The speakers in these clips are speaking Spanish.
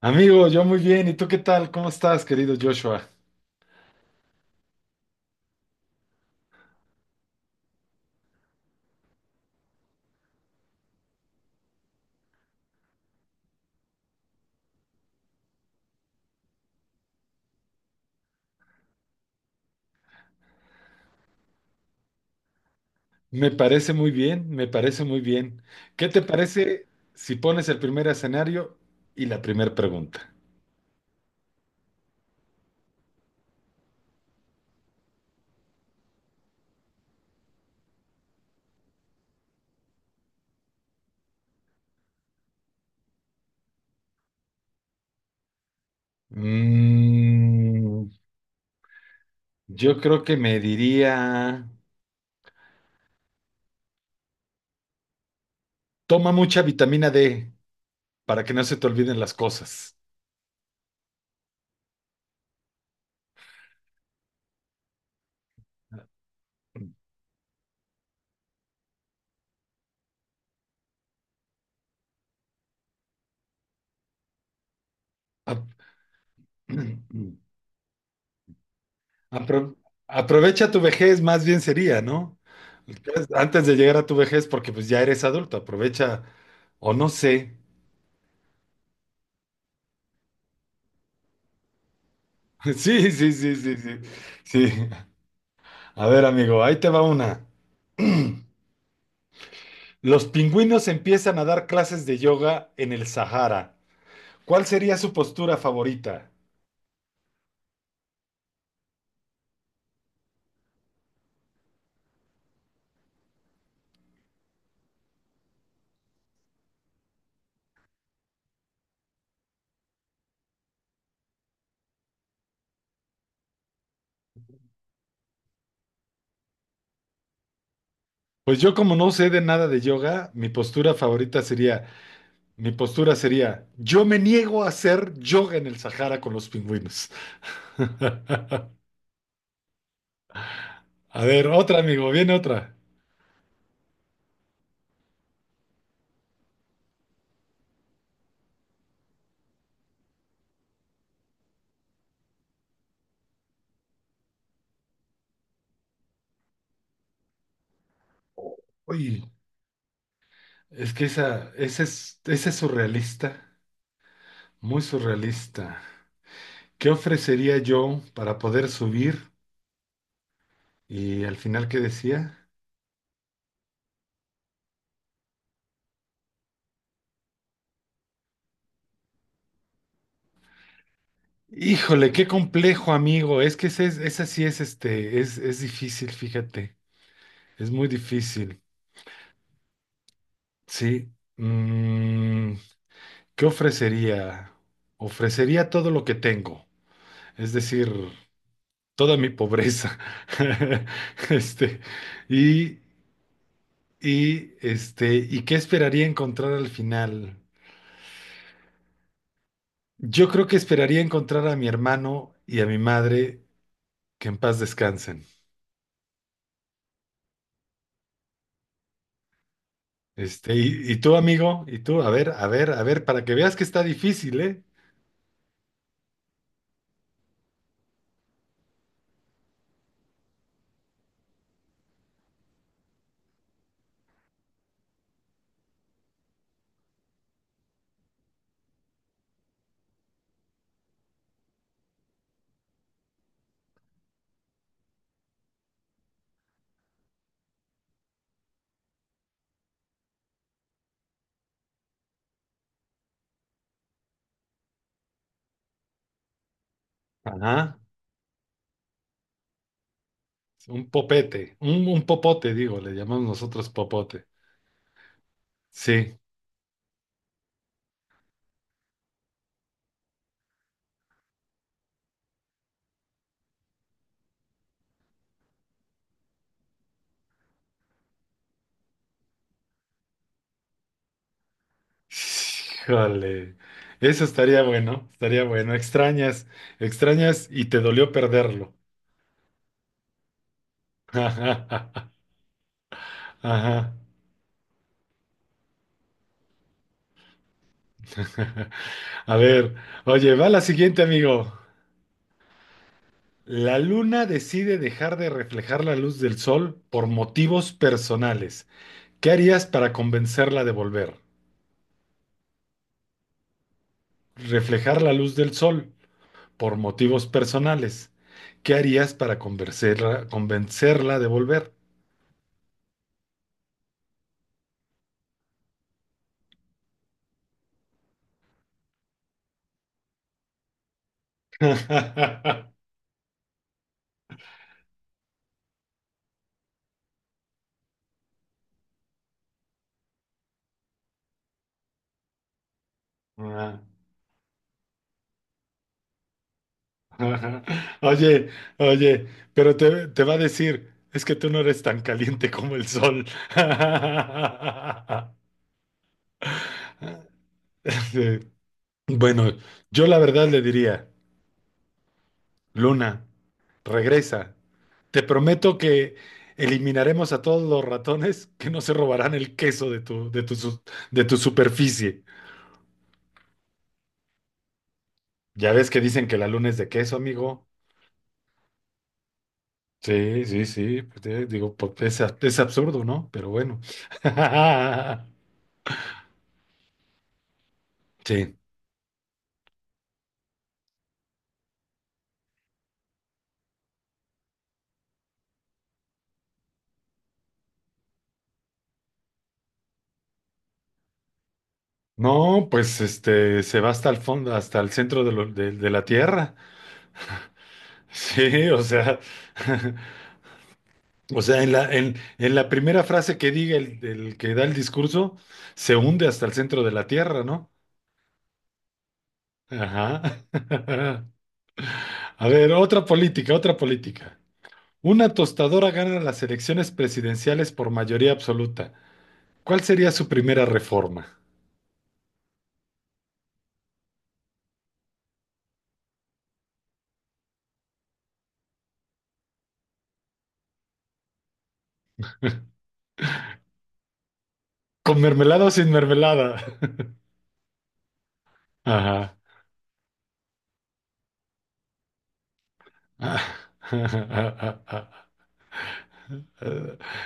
Amigo, yo muy bien. ¿Y tú qué tal? ¿Cómo estás, querido Joshua? Me parece muy bien, me parece muy bien. ¿Qué te parece si pones el primer escenario y la primera pregunta? Mm, yo creo que me diría, toma mucha vitamina D para que no se te olviden las cosas. A- Apro- aprovecha tu vejez, más bien sería, ¿no? Antes de llegar a tu vejez, porque pues ya eres adulto, aprovecha, o no sé. Sí, sí, sí, sí, sí. Sí. A ver, amigo, ahí te va una. Los pingüinos empiezan a dar clases de yoga en el Sahara. ¿Cuál sería su postura favorita? Pues yo como no sé de nada de yoga, mi postura favorita sería, mi postura sería, yo me niego a hacer yoga en el Sahara con los pingüinos. A ver, otra, amigo, viene otra. Uy, es que esa es surrealista, muy surrealista. ¿Qué ofrecería yo para poder subir? Y al final, ¿qué decía? Híjole, qué complejo, amigo. Es que ese, es- esa sí es este, es difícil, fíjate. Es muy difícil. Sí. ¿Qué ofrecería? Ofrecería todo lo que tengo. Es decir, toda mi pobreza. Este, y, y este, ¿y qué esperaría encontrar al final? Yo creo que esperaría encontrar a mi hermano y a mi madre, que en paz descansen. Este, y tú, amigo, y tú, a ver, a ver, a ver, para que veas que está difícil, ¿eh? Ajá. Un popete, un popote, digo, le llamamos nosotros popote. Sí. Híjole. Eso estaría bueno, estaría bueno. Extrañas, extrañas y te dolió perderlo. Ajá. A ver, oye, va la siguiente, amigo. La luna decide dejar de reflejar la luz del sol por motivos personales. ¿Qué harías para convencerla de volver? Reflejar la luz del sol por motivos personales. ¿Qué harías para convencerla de volver? Oye, oye, pero te va a decir, es que tú no eres tan caliente como el sol. Sí. Bueno, yo la verdad le diría, Luna. Regresa. Te prometo que eliminaremos a todos los ratones que no se robarán el queso de tu superficie. Ya ves que dicen que la luna es de queso, amigo. Sí, sí, sí. Pues, digo, pues, es, a- es absurdo, ¿no? Pero bueno. Sí. No, pues este se va hasta el fondo, hasta el centro de, lo- de la Tierra. Sí, o sea, o sea, en la primera frase que diga el que da el discurso, se hunde hasta el centro de la tierra, ¿no? Ajá. A ver, otra política, otra política. Una tostadora gana las elecciones presidenciales por mayoría absoluta. ¿Cuál sería su primera reforma? ¿Con mermelada o sin mermelada? Ajá.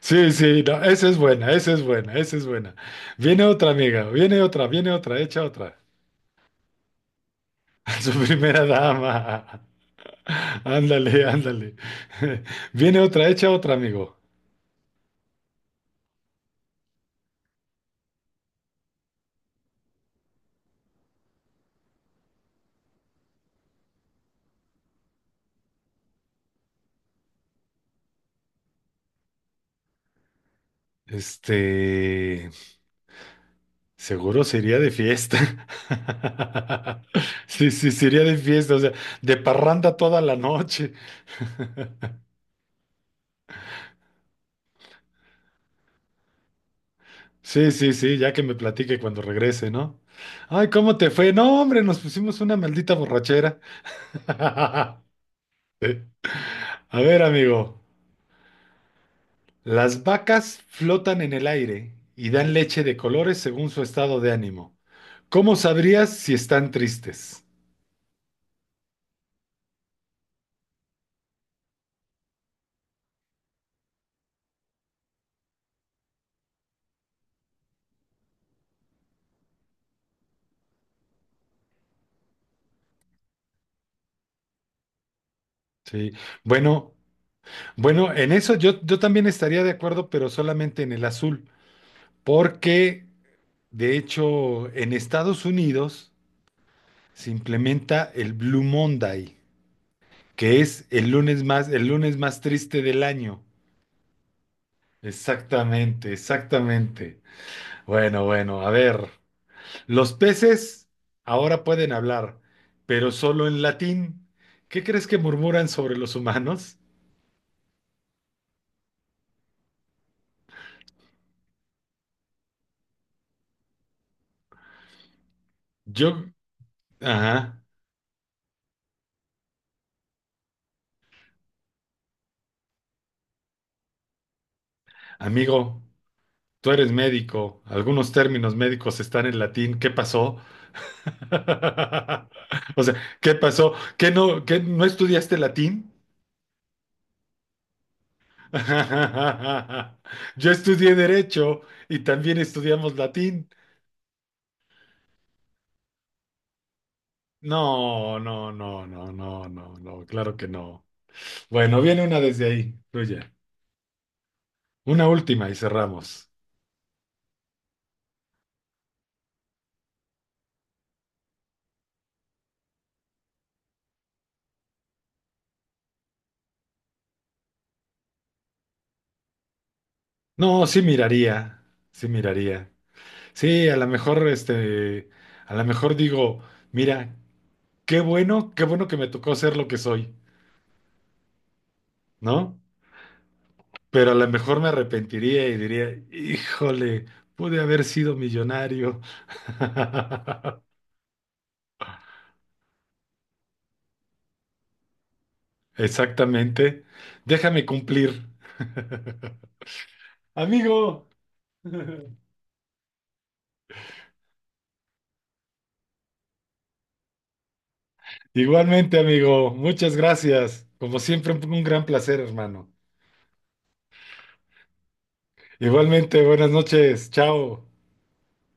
Sí, sí, no, esa es buena, esa es buena, esa es buena. Viene otra, amiga, viene otra, echa otra. A su primera dama. Ándale, ándale. Viene otra, hecha otra, amigo. Este, seguro sería de fiesta. Sí, sí, sería de fiesta, o sea, de parranda toda la noche. Sí, sí, sí, ya que me platique cuando regrese, ¿no? Ay, ¿cómo te fue? No, hombre, nos pusimos una maldita borrachera. Eh, a ver, amigo, las vacas flotan en el aire y dan leche de colores según su estado de ánimo. ¿Cómo sabrías si están tristes? Sí. Bueno, bueno, en eso yo también estaría de acuerdo, pero solamente en el azul, porque de hecho en Estados Unidos se implementa el Blue Monday, que es el lunes más triste del año. Exactamente, exactamente. Bueno, bueno, a ver. Los peces ahora pueden hablar, pero solo en latín. ¿Qué crees que murmuran sobre los humanos? Yo, ajá. Amigo, tú eres médico. Algunos términos médicos están en latín. ¿Qué pasó? O sea, ¿qué pasó? Qué no estudiaste latín? Yo estudié derecho y también estudiamos latín. No, no, no, no, no, no, no, claro que no. Bueno, viene una desde ahí, tuya. Una última y cerramos. No, sí miraría, sí miraría. Sí, a lo mejor, este, a lo mejor digo, mira, qué bueno que me tocó ser lo que soy, ¿no? Pero a lo mejor me arrepentiría y diría, híjole, pude haber sido millonario. Exactamente. Déjame cumplir. Amigo. Igualmente, amigo. Muchas gracias. Como siempre, un gran placer, hermano. Igualmente, buenas noches. Chao.